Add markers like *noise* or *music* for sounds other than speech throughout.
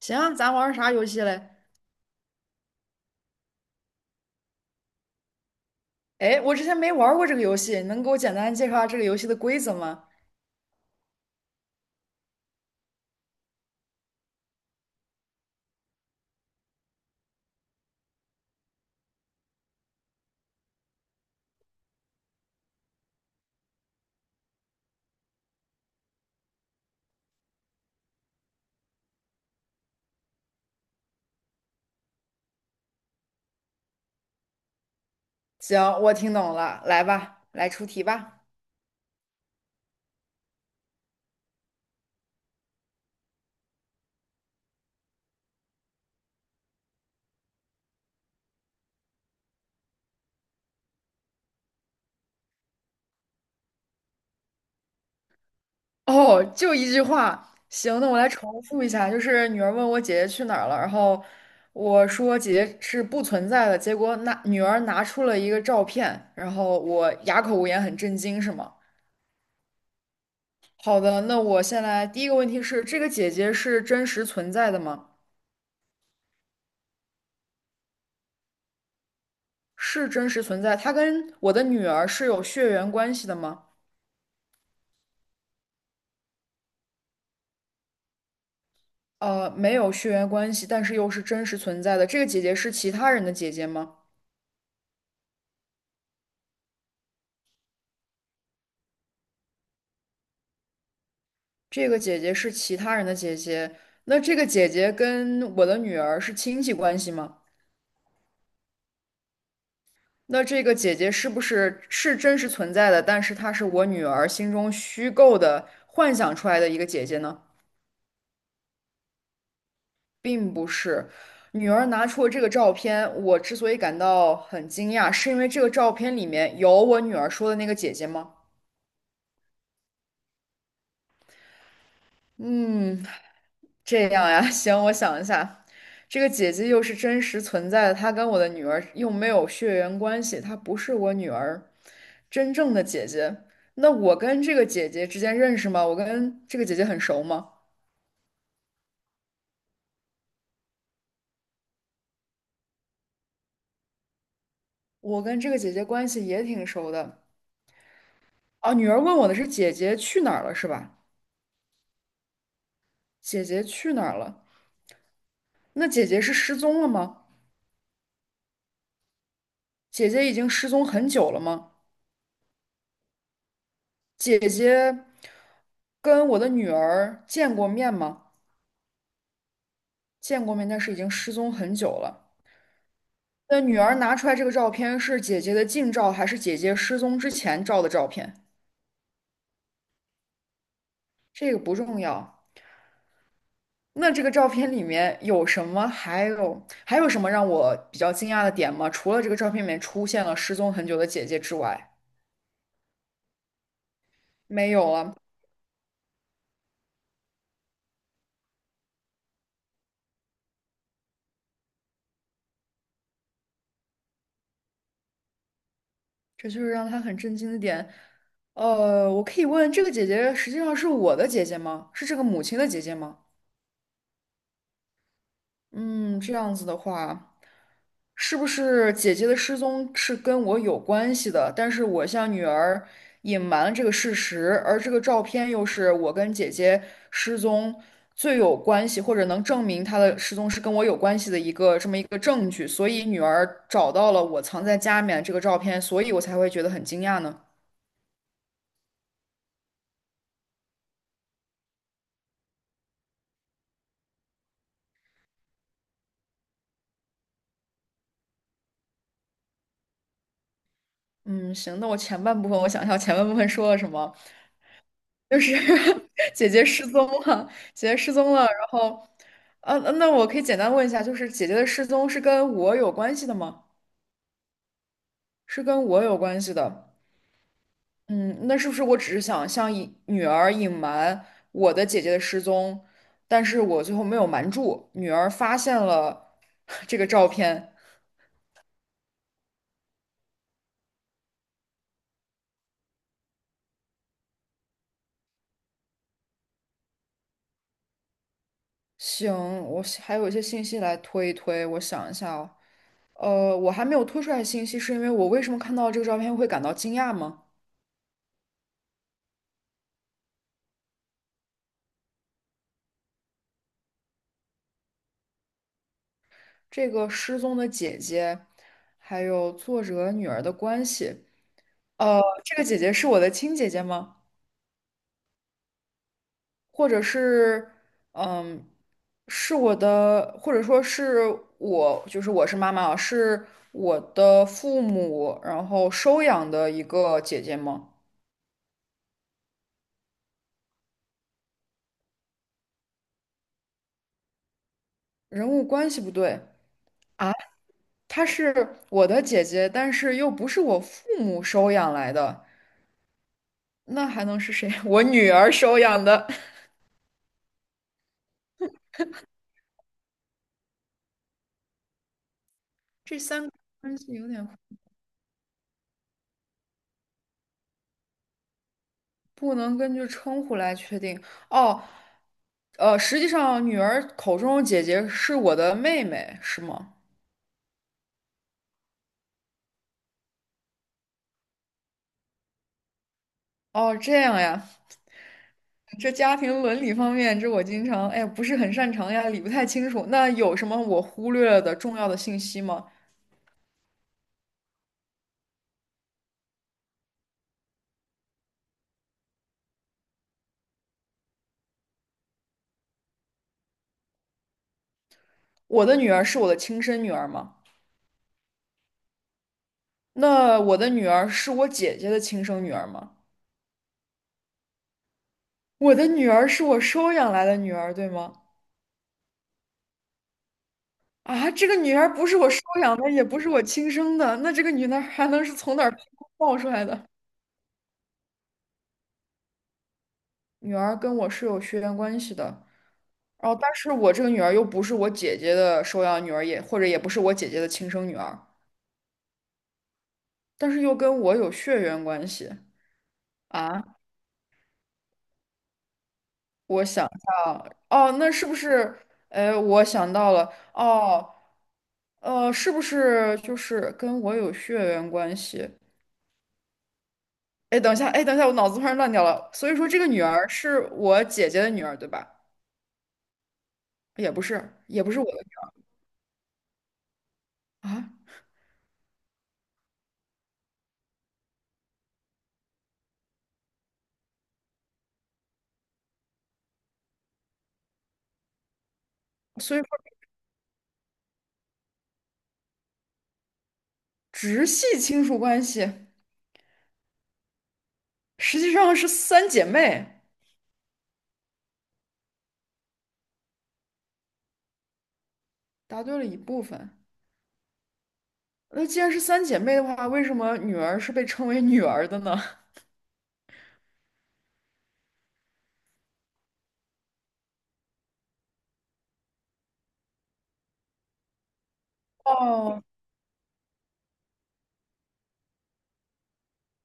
行啊咱玩儿啥游戏嘞？哎，我之前没玩儿过这个游戏，你能给我简单介绍下这个游戏的规则吗？行，我听懂了，来吧，来出题吧。哦，就一句话。行，那我来重复一下，就是女儿问我姐姐去哪儿了，然后我说姐姐是不存在的，结果那女儿拿出了一个照片，然后我哑口无言，很震惊，是吗？好的，那我先来，第一个问题是，这个姐姐是真实存在的吗？是真实存在。她跟我的女儿是有血缘关系的吗？没有血缘关系，但是又是真实存在的。这个姐姐是其他人的姐姐吗？这个姐姐是其他人的姐姐。那这个姐姐跟我的女儿是亲戚关系吗？那这个姐姐是不是是真实存在的？但是她是我女儿心中虚构的幻想出来的一个姐姐呢？并不是，女儿拿出了这个照片，我之所以感到很惊讶，是因为这个照片里面有我女儿说的那个姐姐吗？嗯，这样呀，*laughs* 行，我想一下，这个姐姐又是真实存在的，她跟我的女儿又没有血缘关系，她不是我女儿真正的姐姐。那我跟这个姐姐之间认识吗？我跟这个姐姐很熟吗？我跟这个姐姐关系也挺熟的。啊，女儿问我的是姐姐去哪儿了，是吧？姐姐去哪儿了？那姐姐是失踪了吗？姐姐已经失踪很久了吗？姐姐跟我的女儿见过面吗？见过面，但是已经失踪很久了。那女儿拿出来这个照片是姐姐的近照，还是姐姐失踪之前照的照片？这个不重要。那这个照片里面有什么？还有什么让我比较惊讶的点吗？除了这个照片里面出现了失踪很久的姐姐之外，没有了。这就是让他很震惊的点。我可以问这个姐姐实际上是我的姐姐吗？是这个母亲的姐姐吗？嗯，这样子的话，是不是姐姐的失踪是跟我有关系的？但是我向女儿隐瞒了这个事实，而这个照片又是我跟姐姐失踪最有关系，或者能证明她的失踪是跟我有关系的一个这么一个证据，所以女儿找到了我藏在家里面这个照片，所以我才会觉得很惊讶呢。嗯，行，那我前半部分我想一下，我前半部分说了什么？就是 *laughs* 姐姐失踪了，姐姐失踪了，然后，那我可以简单问一下，就是姐姐的失踪是跟我有关系的吗？是跟我有关系的。嗯，那是不是我只是想向隐女儿隐瞒我的姐姐的失踪，但是我最后没有瞒住，女儿发现了 *laughs* 这个照片。行，我还有一些信息来推一推，我想一下哦。我还没有推出来信息，是因为我为什么看到这个照片会感到惊讶吗？这个失踪的姐姐，还有作者女儿的关系，这个姐姐是我的亲姐姐吗？或者是，嗯，是我的，或者说是我，就是我是妈妈啊，是我的父母，然后收养的一个姐姐吗？人物关系不对啊，她是我的姐姐，但是又不是我父母收养来的。那还能是谁？*laughs* 我女儿收养的。这三个关系有点不能根据称呼来确定。哦，实际上女儿口中的姐姐是我的妹妹，是吗？哦，这样呀。这家庭伦理方面，这我经常哎不是很擅长呀，理不太清楚。那有什么我忽略了的重要的信息吗？我的女儿是我的亲生女儿吗？那我的女儿是我姐姐的亲生女儿吗？我的女儿是我收养来的女儿，对吗？啊，这个女儿不是我收养的，也不是我亲生的，那这个女儿还能是从哪儿冒出来的？女儿跟我是有血缘关系的，然后但是我这个女儿又不是我姐姐的收养女儿，也或者也不是我姐姐的亲生女儿，但是又跟我有血缘关系啊！我想一下啊，哦，那是不是？哎，我想到了，哦，是不是就是跟我有血缘关系？哎，等一下，我脑子突然乱掉了。所以说，这个女儿是我姐姐的女儿，对吧？也不是，也不是我的女儿啊。所以说，直系亲属关系实际上是三姐妹。答对了一部分。那既然是三姐妹的话，为什么女儿是被称为女儿的呢？*laughs* 哦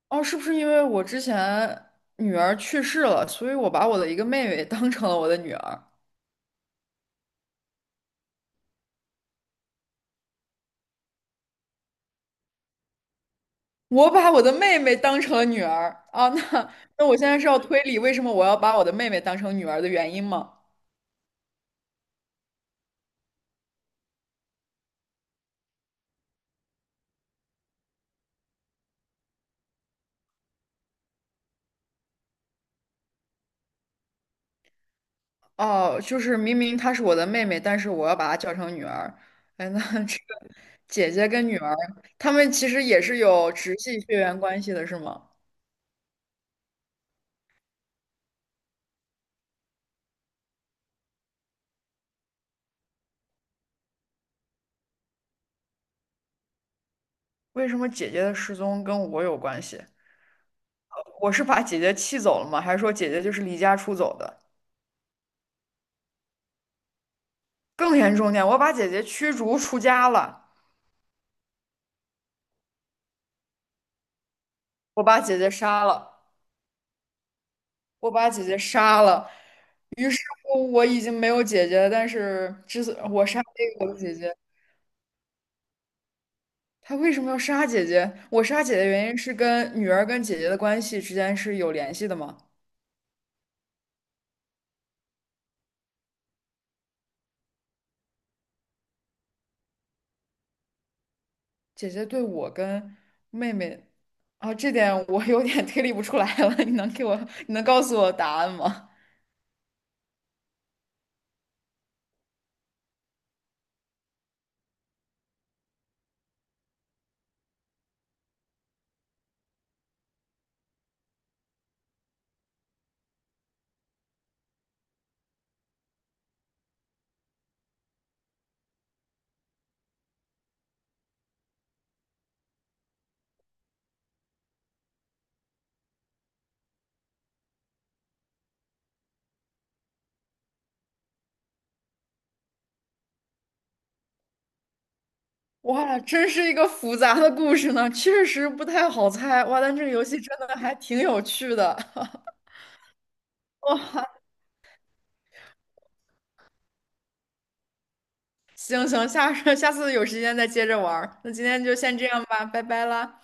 哦，是不是因为我之前女儿去世了，所以我把我的一个妹妹当成了我的女儿？我把我的妹妹当成了女儿啊，那我现在是要推理为什么我要把我的妹妹当成女儿的原因吗？哦，就是明明她是我的妹妹，但是我要把她叫成女儿。哎，那 *laughs* 这姐姐跟女儿，她们其实也是有直系血缘关系的，是吗？为什么姐姐的失踪跟我有关系？我是把姐姐气走了吗？还是说姐姐就是离家出走的？更严重点，我把姐姐驱逐出家了，我把姐姐杀了。我把姐姐杀了。于是乎，我已经没有姐姐，但是之所我杀了一个我的姐姐，她为什么要杀姐姐？我杀姐姐的原因是跟女儿跟姐姐的关系之间是有联系的吗？姐姐对我跟妹妹，啊，这点我有点推理不出来了。*laughs* 你能告诉我答案吗？哇，真是一个复杂的故事呢，确实不太好猜。哇，但这个游戏真的还挺有趣的。行，下 *laughs* 次有时间再接着玩儿。那今天就先这样吧，拜拜啦。